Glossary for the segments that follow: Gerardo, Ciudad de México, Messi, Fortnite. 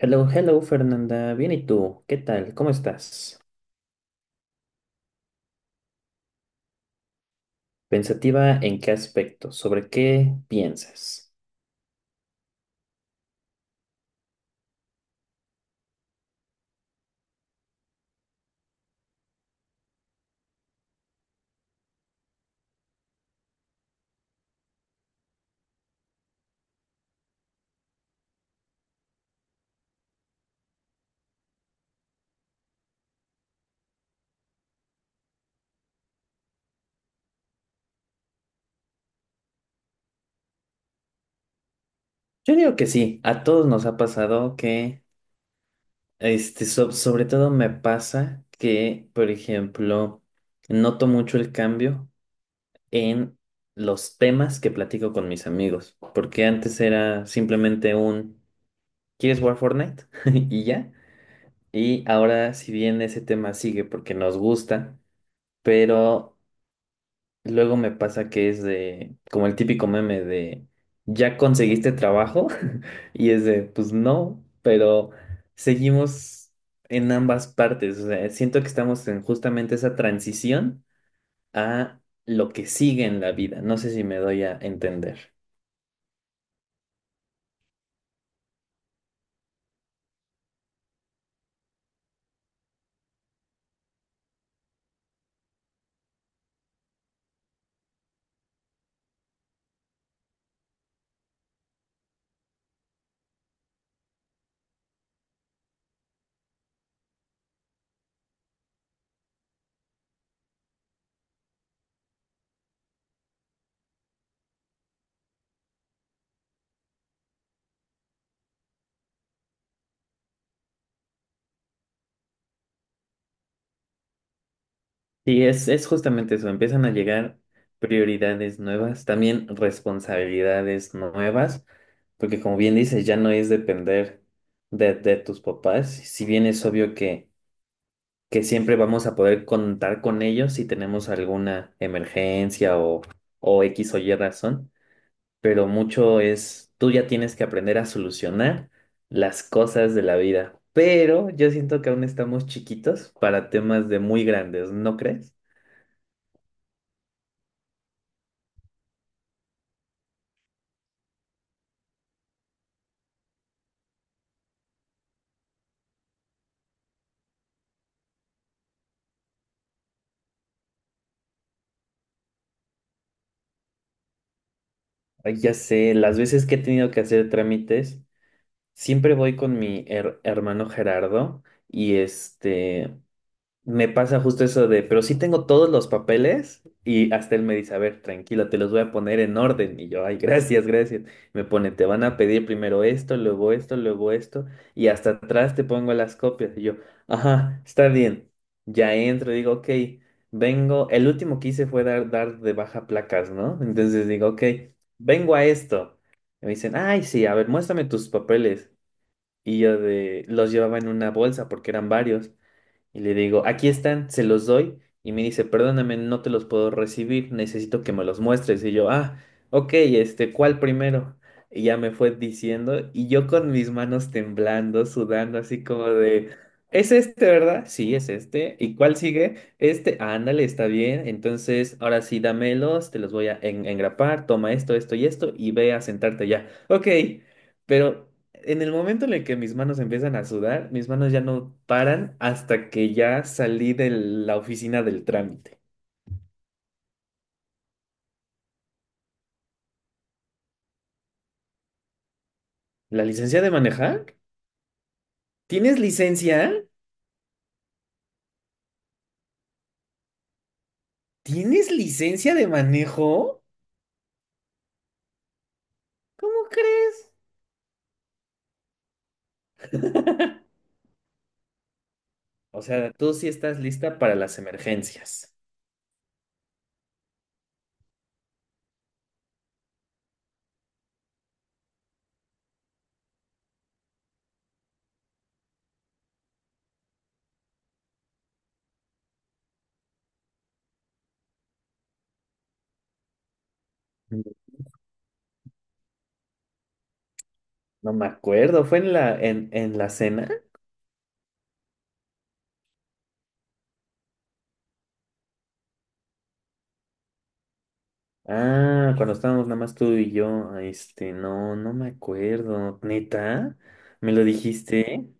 Hello, hello Fernanda, bien y tú, ¿qué tal? ¿Cómo estás? ¿Pensativa en qué aspecto? ¿Sobre qué piensas? Yo digo que sí, a todos nos ha pasado que, sobre todo me pasa que, por ejemplo, noto mucho el cambio en los temas que platico con mis amigos, porque antes era simplemente un, ¿quieres jugar Fortnite? Y ya, y ahora si bien ese tema sigue porque nos gusta, pero... Luego me pasa que es de, como el típico meme de, ¿ya conseguiste trabajo? Y es de, pues no, pero seguimos en ambas partes. O sea, siento que estamos en justamente esa transición a lo que sigue en la vida. No sé si me doy a entender. Y es justamente eso, empiezan a llegar prioridades nuevas, también responsabilidades nuevas, porque como bien dices, ya no es depender de tus papás, si bien es obvio que siempre vamos a poder contar con ellos si tenemos alguna emergencia o X o Y razón, pero mucho es, tú ya tienes que aprender a solucionar las cosas de la vida. Pero yo siento que aún estamos chiquitos para temas de muy grandes, ¿no crees? Ay, ya sé, las veces que he tenido que hacer trámites, siempre voy con mi hermano Gerardo y este... Me pasa justo eso de, pero sí tengo todos los papeles y hasta él me dice, a ver, tranquilo, te los voy a poner en orden. Y yo, ay, gracias, gracias. Me pone, te van a pedir primero esto, luego esto, luego esto, y hasta atrás te pongo las copias. Y yo, ajá, está bien. Ya entro, digo, ok, vengo, el último que hice fue dar de baja placas, ¿no? Entonces digo, ok, vengo a esto. Y me dicen, ay, sí, a ver, muéstrame tus papeles. Y yo de, los llevaba en una bolsa porque eran varios. Y le digo, aquí están, se los doy. Y me dice, perdóname, no te los puedo recibir, necesito que me los muestres. Y yo, ah, ok, ¿cuál primero? Y ya me fue diciendo, y yo con mis manos temblando, sudando, así como de, ¿es este, verdad? Sí, es este. ¿Y cuál sigue? Ándale, está bien. Entonces, ahora sí, dámelos, te los voy a engrapar, toma esto, esto y esto, y ve a sentarte ya. Ok, pero en el momento en el que mis manos empiezan a sudar, mis manos ya no paran hasta que ya salí de la oficina del trámite. ¿La licencia de manejar? ¿Tienes licencia? ¿Tienes licencia de manejo? ¿Cómo crees? O sea, tú sí estás lista para las emergencias. Mm, No me acuerdo, ¿fue en la cena? Ah, cuando estábamos nada más tú y yo. No, no me acuerdo. ¿Neta? ¿Me lo dijiste?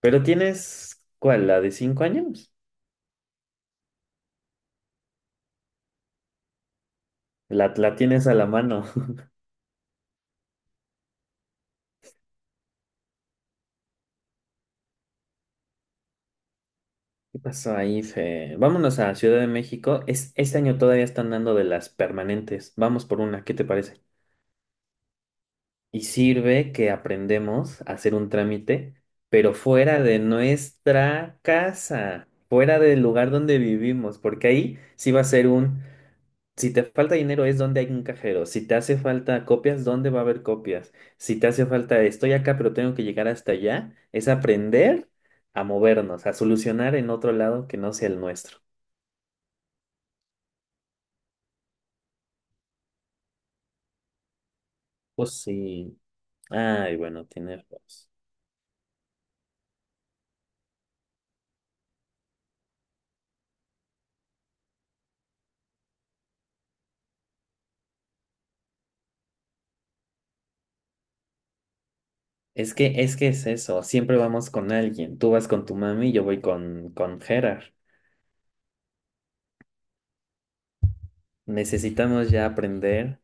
Pero tienes, ¿cuál? ¿La de 5 años? La tienes a la mano. ¿Qué pasó ahí, Fe? Vámonos a Ciudad de México. Este año todavía están dando de las permanentes. Vamos por una, ¿qué te parece? Y sirve que aprendemos a hacer un trámite, pero fuera de nuestra casa, fuera del lugar donde vivimos, porque ahí sí va a ser un, si te falta dinero es donde hay un cajero. Si te hace falta copias, ¿dónde va a haber copias? Si te hace falta estoy acá pero tengo que llegar hasta allá, es aprender a movernos, a solucionar en otro lado que no sea el nuestro. Pues sí. Ay, bueno, tienes razón. es que, es eso, siempre vamos con alguien. Tú vas con tu mami, yo voy con Gerard. Necesitamos ya aprender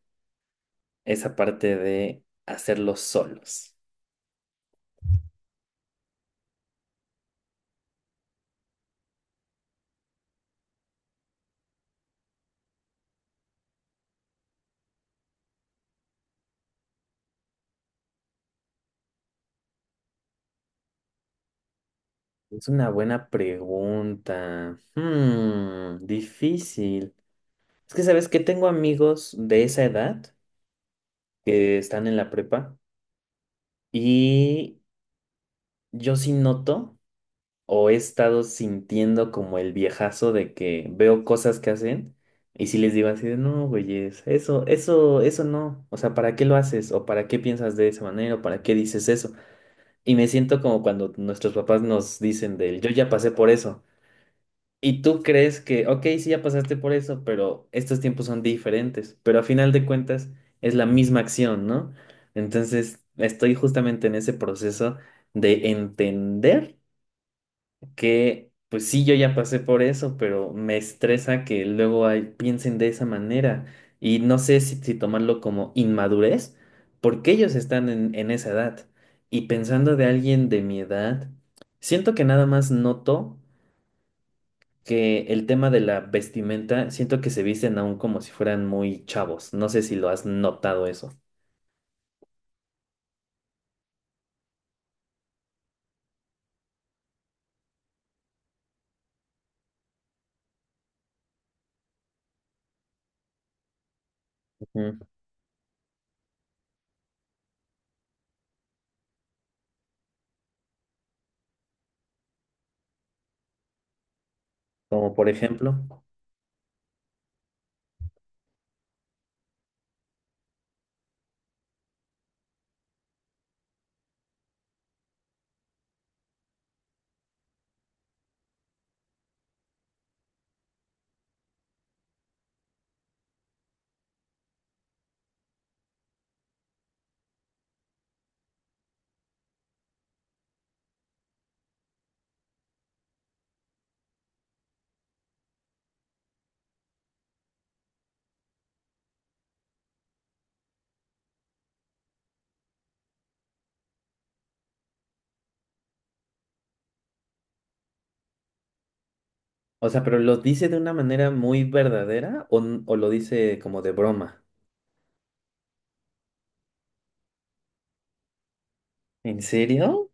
esa parte de hacerlo solos. Es una buena pregunta. Difícil. Es que, ¿sabes que tengo amigos de esa edad que están en la prepa y yo sí noto o he estado sintiendo como el viejazo de que veo cosas que hacen y si les digo así de, no, güeyes, eso no. O sea, ¿para qué lo haces? ¿O para qué piensas de esa manera? ¿O para qué dices eso? Y me siento como cuando nuestros papás nos dicen del, yo ya pasé por eso. Y tú crees que, ok, sí, ya pasaste por eso, pero estos tiempos son diferentes, pero a final de cuentas es la misma acción, ¿no? Entonces, estoy justamente en ese proceso de entender que, pues sí, yo ya pasé por eso, pero me estresa que luego piensen de esa manera y no sé si tomarlo como inmadurez, porque ellos están en esa edad. Y pensando de alguien de mi edad, siento que nada más noto que el tema de la vestimenta, siento que se visten aún como si fueran muy chavos. No sé si lo has notado eso. Ujú. Como por ejemplo, o sea, pero lo dice de una manera muy verdadera o lo dice como de broma. ¿En serio?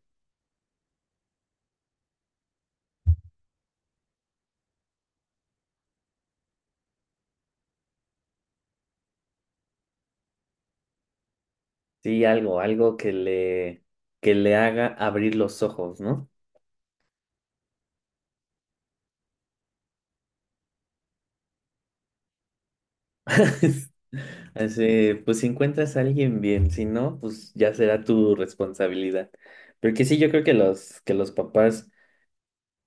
Sí, algo que le, haga abrir los ojos, ¿no? Así, pues si encuentras a alguien bien, si no, pues ya será tu responsabilidad. Porque sí, yo creo que los papás.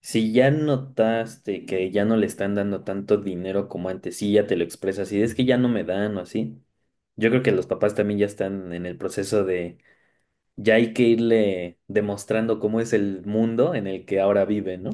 Si ya notaste que ya no le están dando tanto dinero como antes, sí, ya te lo expresas, y es que ya no me dan o así. Yo creo que los papás también ya están en el proceso de, ya hay que irle demostrando cómo es el mundo en el que ahora vive, ¿no?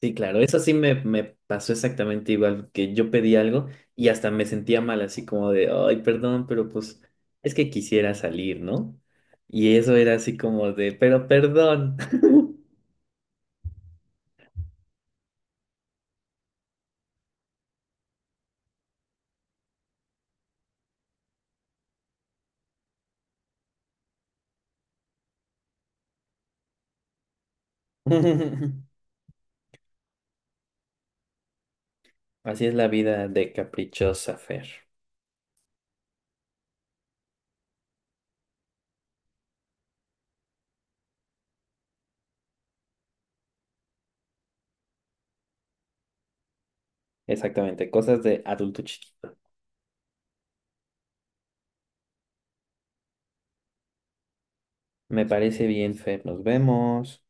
Sí, claro, eso sí me pasó exactamente igual, que yo pedí algo y hasta me sentía mal, así como de, ay, perdón, pero pues es que quisiera salir, ¿no? Y eso era así como de, pero perdón. Así es la vida de caprichosa, Fer. Exactamente, cosas de adulto chiquito. Me parece bien, Fer. Nos vemos.